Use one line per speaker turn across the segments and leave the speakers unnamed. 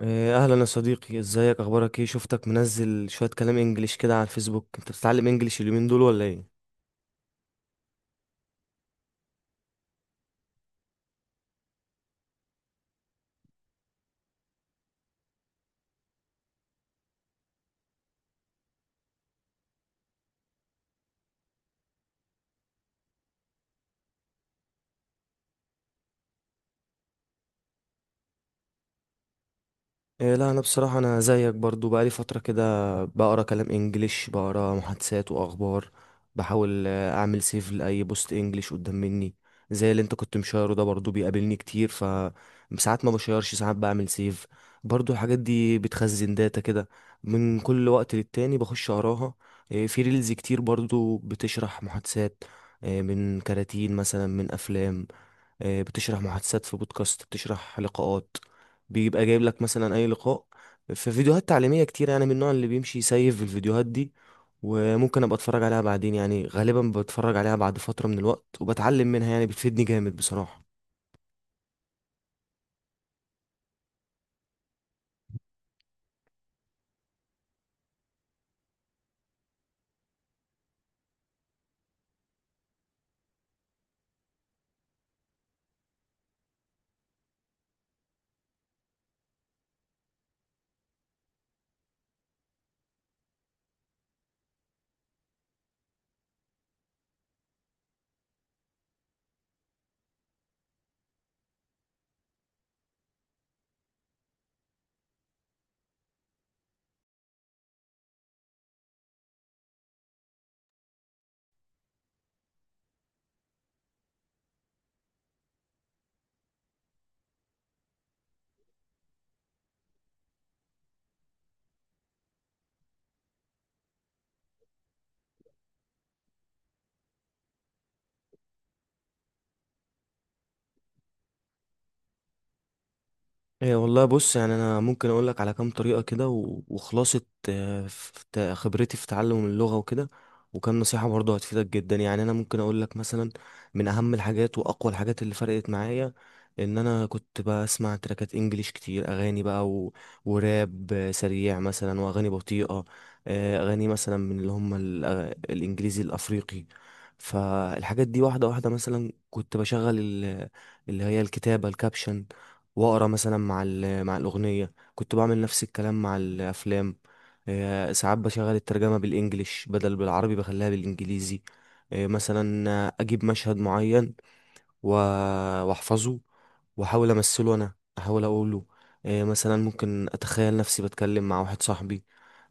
إيه، اهلا يا صديقي، ازيك؟ اخبارك ايه؟ شفتك منزل شوية كلام انجليش كده على الفيسبوك. انت بتتعلم انجليش اليومين دول ولا ايه؟ إيه لا، انا بصراحه انا زيك برضو بقالي فتره كده. بقرا كلام انجليش، بقرا محادثات واخبار. بحاول اعمل سيف لاي بوست انجليش قدام مني. زي اللي انت كنت مشاره ده برضو بيقابلني كتير. ف ساعات ما بشيرش، ساعات بعمل سيف. برضو الحاجات دي بتخزن داتا كده. من كل وقت للتاني بخش اقراها. إيه، في ريلز كتير برضو بتشرح محادثات، إيه من كراتين مثلا، من افلام. بتشرح محادثات، في بودكاست بتشرح لقاءات، بيبقى جايب لك مثلا اي لقاء. في فيديوهات تعليمية كتير يعني، من النوع اللي بيمشي يسيف الفيديوهات دي وممكن ابقى اتفرج عليها بعدين. يعني غالبا بتفرج عليها بعد فترة من الوقت وبتعلم منها، يعني بتفيدني جامد بصراحة. ايه والله، بص يعني انا ممكن اقول لك على كام طريقه كده وخلاصه خبرتي في تعلم اللغه وكده، وكام نصيحه برضه هتفيدك جدا. يعني انا ممكن اقول لك مثلا من اهم الحاجات واقوى الحاجات اللي فرقت معايا ان انا كنت بسمع تراكات انجليش كتير، اغاني بقى وراب سريع مثلا، واغاني بطيئه، اغاني مثلا من اللي هم الانجليزي الافريقي. فالحاجات دي واحده واحده، مثلا كنت بشغل اللي هي الكتابه، الكابشن، واقرا مثلا مع مع الاغنيه. كنت بعمل نفس الكلام مع الافلام. ساعات بشغل الترجمه بالانجليش بدل بالعربي، بخليها بالانجليزي. مثلا اجيب مشهد معين و- واحفظه واحاول امثله، انا احاول اقوله. مثلا ممكن اتخيل نفسي بتكلم مع واحد صاحبي.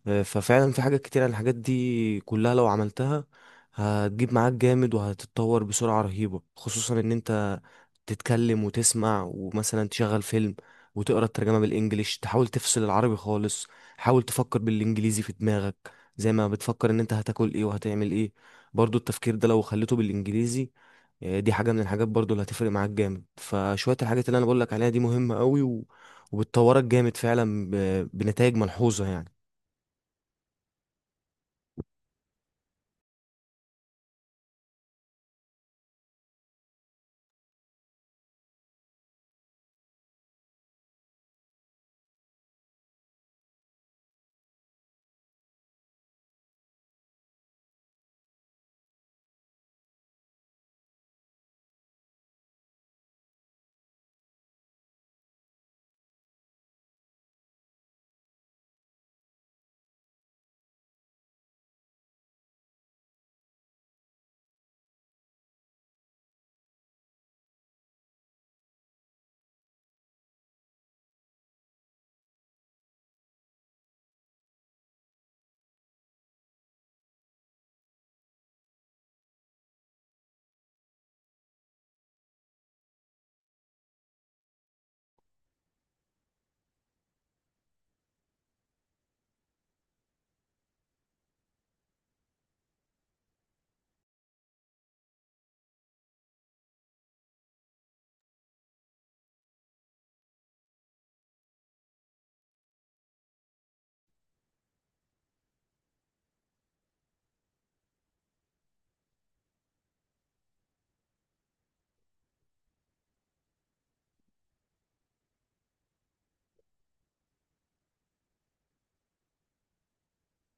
ففعلا في حاجات كتير، الحاجات دي كلها لو عملتها هتجيب معاك جامد وهتتطور بسرعة رهيبة. خصوصا ان انت تتكلم وتسمع ومثلا تشغل فيلم وتقرا الترجمة بالانجليش، تحاول تفصل العربي خالص. حاول تفكر بالانجليزي في دماغك، زي ما بتفكر ان انت هتاكل ايه وهتعمل ايه. برضو التفكير ده لو خليته بالانجليزي، دي حاجة من الحاجات برضو اللي هتفرق معاك جامد. فشوية الحاجات اللي انا بقولك عليها دي مهمة قوي وبتطورك جامد فعلا بنتائج ملحوظة يعني.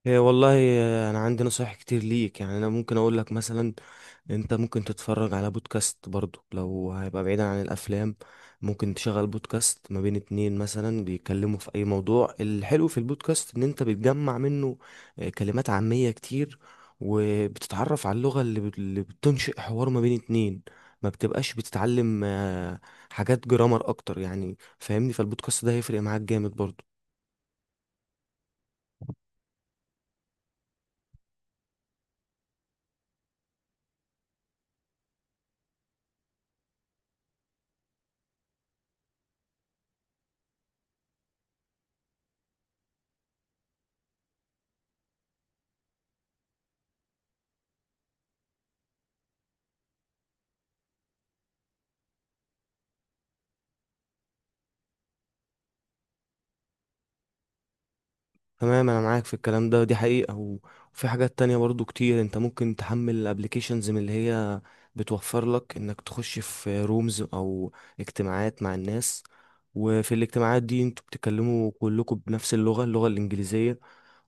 هي والله انا عندي نصايح كتير ليك. يعني انا ممكن اقول لك مثلا انت ممكن تتفرج على بودكاست برضو، لو هيبقى بعيدا عن الافلام ممكن تشغل بودكاست ما بين اتنين مثلا بيتكلموا في اي موضوع. الحلو في البودكاست ان انت بتجمع منه كلمات عامية كتير، وبتتعرف على اللغة اللي بتنشئ حوار ما بين اتنين. ما بتبقاش بتتعلم حاجات جرامر اكتر، يعني فاهمني؟ فالبودكاست ده هيفرق معاك جامد برضو. تمام، انا معاك في الكلام ده، دي حقيقة وفي حاجات تانية برضو كتير. انت ممكن تحمل applications من اللي هي بتوفر لك انك تخش في رومز او اجتماعات مع الناس. وفي الاجتماعات دي انتوا بتتكلموا كلكم بنفس اللغة، اللغة الانجليزية،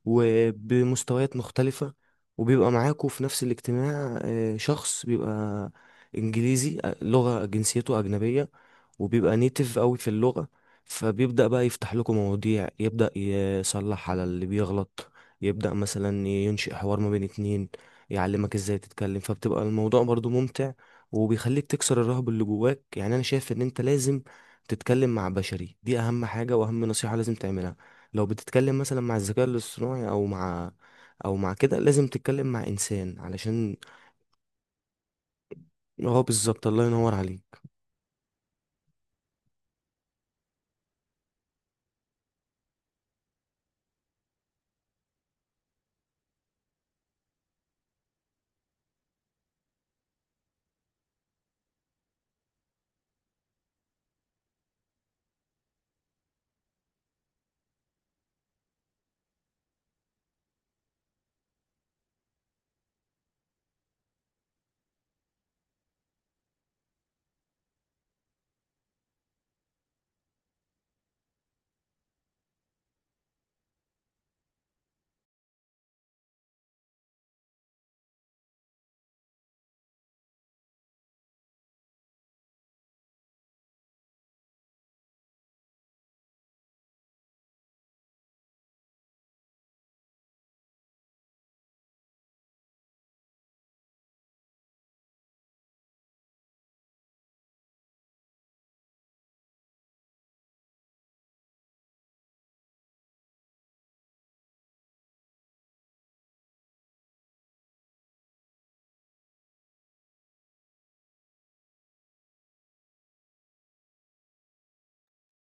وبمستويات مختلفة، وبيبقى معاكوا في نفس الاجتماع شخص بيبقى إنجليزي، لغة جنسيته أجنبية وبيبقى نيتف قوي في اللغة. فبيبدأ بقى يفتح لكم مواضيع، يبدأ يصلح على اللي بيغلط، يبدأ مثلا ينشئ حوار ما بين اتنين، يعلمك ازاي تتكلم. فبتبقى الموضوع برضو ممتع وبيخليك تكسر الرهب اللي جواك. يعني انا شايف ان انت لازم تتكلم مع بشري، دي اهم حاجة واهم نصيحة لازم تعملها. لو بتتكلم مثلا مع الذكاء الاصطناعي او مع او مع كده، لازم تتكلم مع انسان علشان هو بالظبط. الله ينور عليك.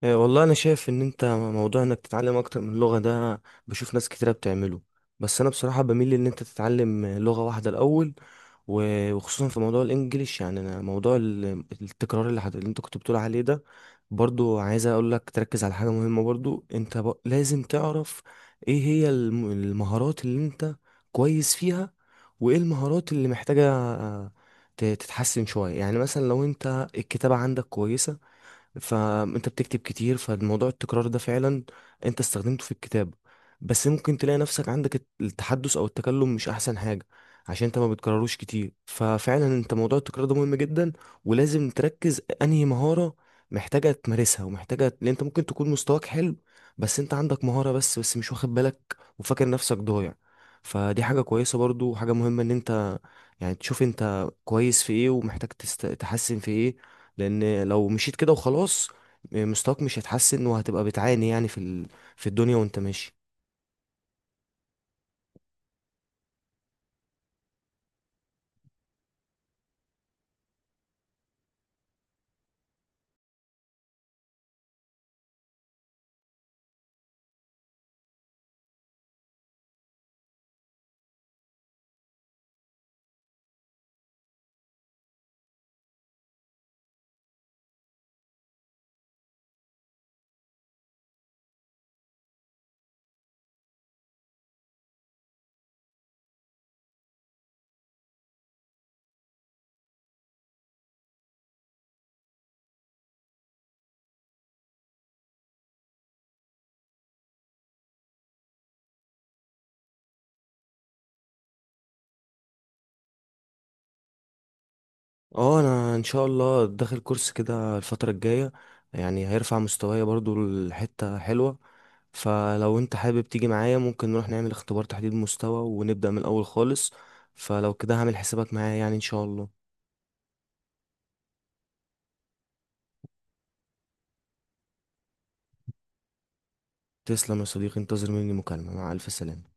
إيه والله، انا شايف ان انت موضوع انك تتعلم اكتر من لغة ده بشوف ناس كتيرة بتعمله، بس انا بصراحة بميل ان انت تتعلم لغة واحدة الاول وخصوصا في موضوع الانجليش. يعني انا موضوع التكرار اللي انت كنت بتقول عليه ده برضو، عايز اقول لك تركز على حاجة مهمة برضو. انت لازم تعرف ايه هي المهارات اللي انت كويس فيها، وايه المهارات اللي محتاجة تتحسن شوية. يعني مثلا لو انت الكتابة عندك كويسة فانت بتكتب كتير، فالموضوع التكرار ده فعلا انت استخدمته في الكتابة. بس ممكن تلاقي نفسك عندك التحدث او التكلم مش احسن حاجة عشان انت ما بتكرروش كتير. ففعلا انت موضوع التكرار ده مهم جدا ولازم تركز انهي مهارة محتاجة تمارسها ومحتاجة، لان انت ممكن تكون مستواك حلو بس انت عندك مهارة بس مش واخد بالك وفاكر نفسك ضايع. فدي حاجة كويسة برضو، وحاجة مهمة ان انت يعني تشوف انت كويس في ايه ومحتاج تحسن في ايه. لان لو مشيت كده وخلاص مستواك مش هيتحسن وهتبقى بتعاني، يعني في في الدنيا وانت ماشي. اه، انا ان شاء الله داخل كورس كده الفترة الجاية يعني هيرفع مستواي برضو لحتة حلوة. فلو انت حابب تيجي معايا ممكن نروح نعمل اختبار تحديد مستوى ونبدأ من الاول خالص. فلو كده هعمل حسابك معايا، يعني ان شاء الله. تسلم يا صديقي، انتظر مني مكالمة. مع الف سلامة.